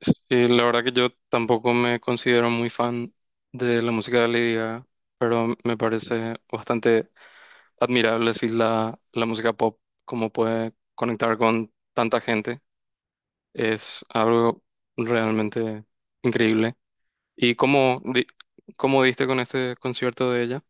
Sí, la verdad que yo tampoco me considero muy fan de la música de Lady Gaga, pero me parece bastante admirable si la música pop, como puede conectar con tanta gente, es algo realmente increíble. ¿Y cómo diste con este concierto de ella?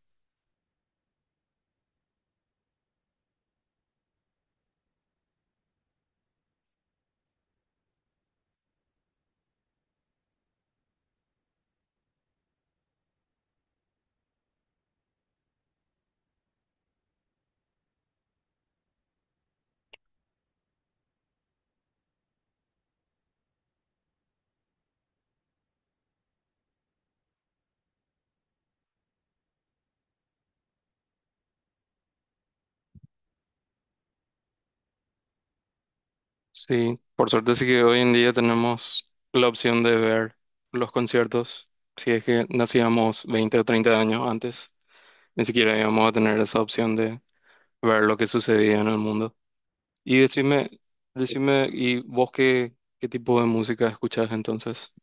Sí, por suerte sí que hoy en día tenemos la opción de ver los conciertos, si es que nacíamos 20 o 30 años antes. Ni siquiera íbamos a tener esa opción ver lo que sucedía en el mundo. Y decime, decime, ¿y vos qué tipo de música escuchás entonces?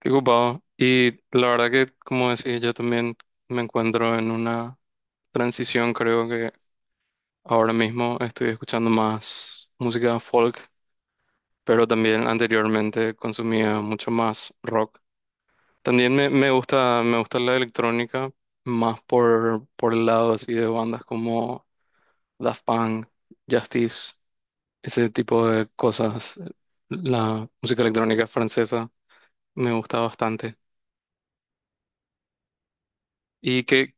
Qué ocupado. Y la verdad que, como decía, yo también me encuentro en una transición, creo que ahora mismo estoy escuchando más música folk, pero también anteriormente consumía mucho más rock. También me gusta, me gusta la electrónica más por el lado así de bandas como Daft Punk, Justice. Ese tipo de cosas, la música electrónica francesa me gusta bastante. Y que,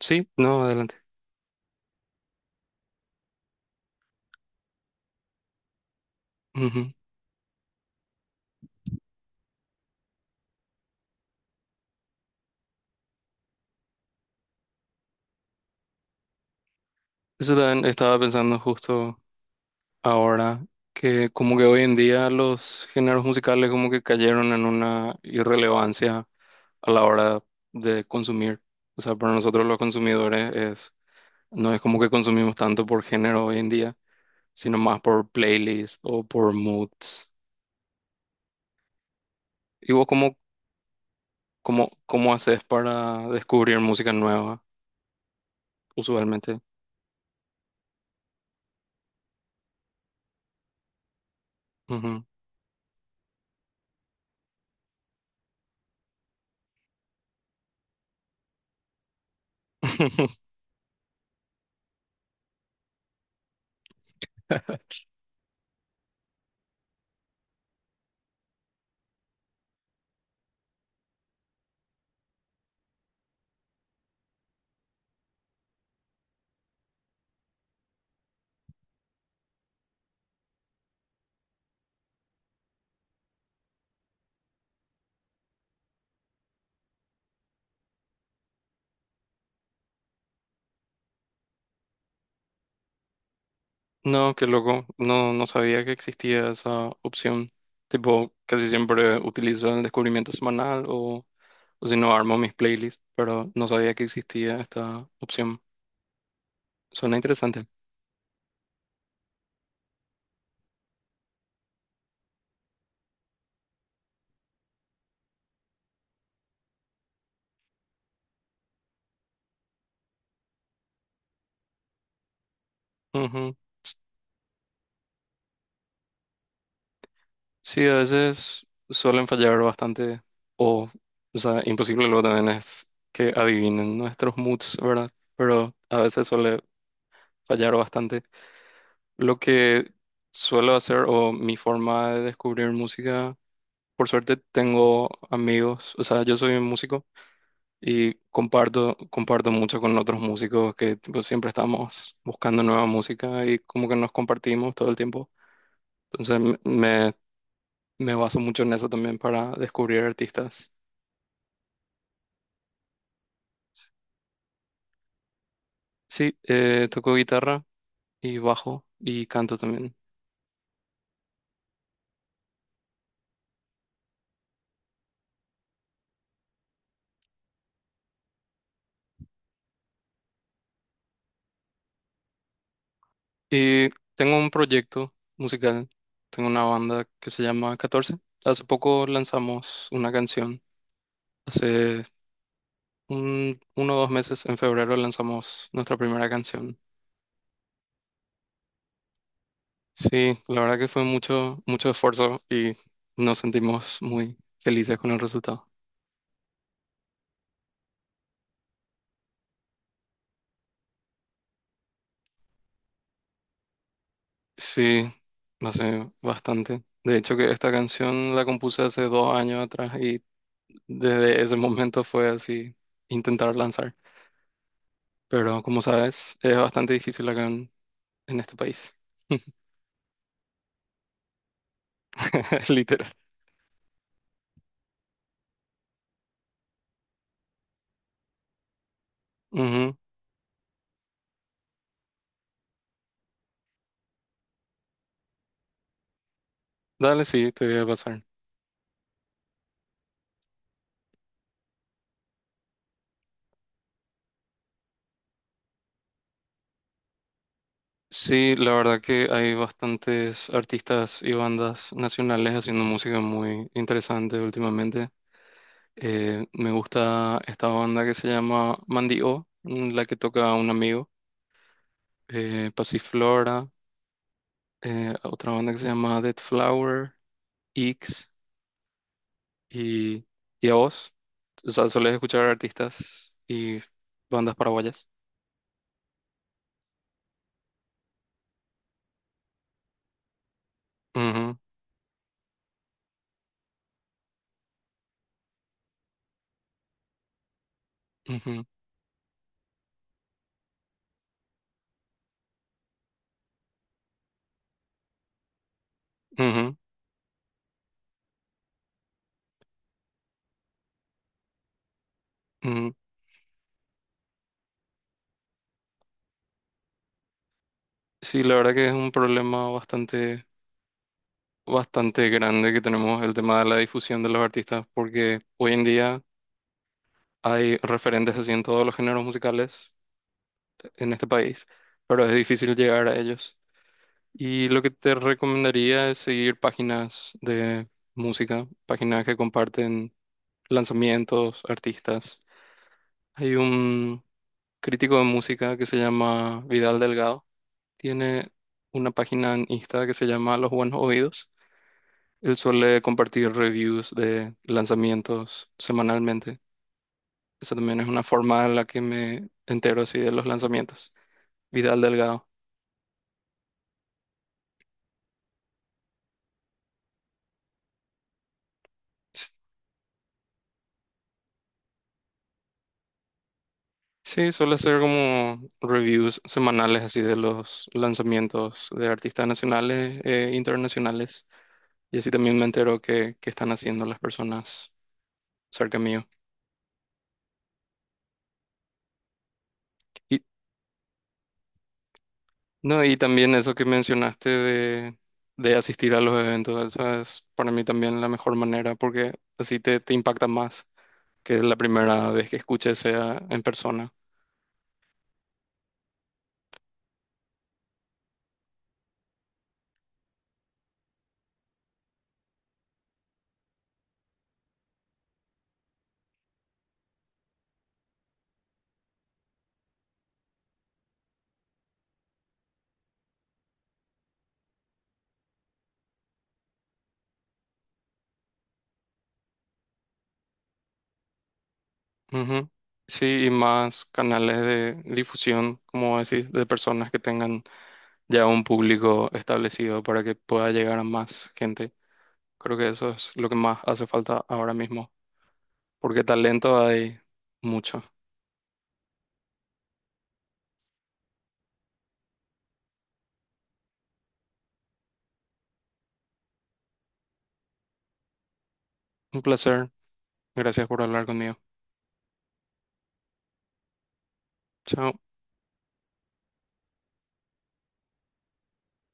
sí, no, adelante. Ujú. Eso también estaba pensando justo ahora, que como que hoy en día los géneros musicales como que cayeron en una irrelevancia a la hora de consumir. O sea, para nosotros los consumidores es, no es como que consumimos tanto por género hoy en día, sino más por playlist o por moods. ¿Y vos cómo, ¿Cómo haces para descubrir música nueva, usualmente? Ujú. No, qué loco. No, no sabía que existía esa opción. Tipo, casi siempre utilizo el descubrimiento semanal o si no, armo mis playlists, pero no sabía que existía esta opción. Suena interesante. Ujú. S- Sí, a veces suelen fallar bastante o, o sea, imposible luego también es que adivinen nuestros moods, ¿verdad? Pero a veces suele fallar bastante. Lo que suelo hacer o mi forma de descubrir música, por suerte tengo amigos, o sea, yo soy un músico y comparto, comparto mucho con otros músicos que tipo, siempre estamos buscando nueva música y como que nos compartimos todo el tiempo. Entonces me baso mucho en eso también para descubrir artistas. Sí, toco guitarra y bajo y canto también. Y tengo un proyecto musical, tengo una banda que se llama catorce. Hace poco lanzamos una canción, hace 1 o 2 meses, en febrero lanzamos nuestra primera canción. Sí, la verdad que fue mucho, mucho esfuerzo y nos sentimos muy felices con el resultado. Sí, hace bastante. De hecho, que esta canción la compuse hace 2 años atrás y desde ese momento fue así intentar lanzar. Pero como sabes, es bastante difícil acá en este país. Literal. Ujú. Dale, sí, te voy a pasar. Sí, la verdad que hay bastantes artistas y bandas nacionales haciendo música muy interesante últimamente. Me gusta esta banda que se llama Mandy O, la que toca un amigo. Pasiflora, otra banda que se llama Dead Flower, X y, y a vos. O sea, solés escuchar artistas y bandas paraguayas. Ujú, ujú, ujú, ujú. Sí, la verdad que es un problema bastante, bastante grande que tenemos el tema de la difusión de los artistas, porque hoy en día hay referentes así en todos los géneros musicales en este país, pero es difícil llegar a ellos. Y lo que te recomendaría es seguir páginas de música, páginas que comparten lanzamientos, artistas. Hay un crítico de música que se llama Vidal Delgado, tiene una página en Insta que se llama Los Buenos Oídos. Él suele compartir reviews de lanzamientos semanalmente. Esa también es una forma en la que me entero así de los lanzamientos. Vidal Delgado. S- Sí, suele hacer como reviews semanales así de los lanzamientos de artistas nacionales e internacionales. Y así también me entero qué están haciendo las personas cerca mío. Y, no, y también eso que mencionaste de asistir a los eventos, eso es para mí también la mejor manera porque así te impacta más que la primera vez que escuche sea en persona. Ujú. Sí, y más canales de difusión, como decís, de personas que tengan ya un público establecido para que pueda llegar a más gente. Creo que eso es lo que más hace falta ahora mismo, porque talento hay mucho. Un placer. Gracias por hablar conmigo. Chao.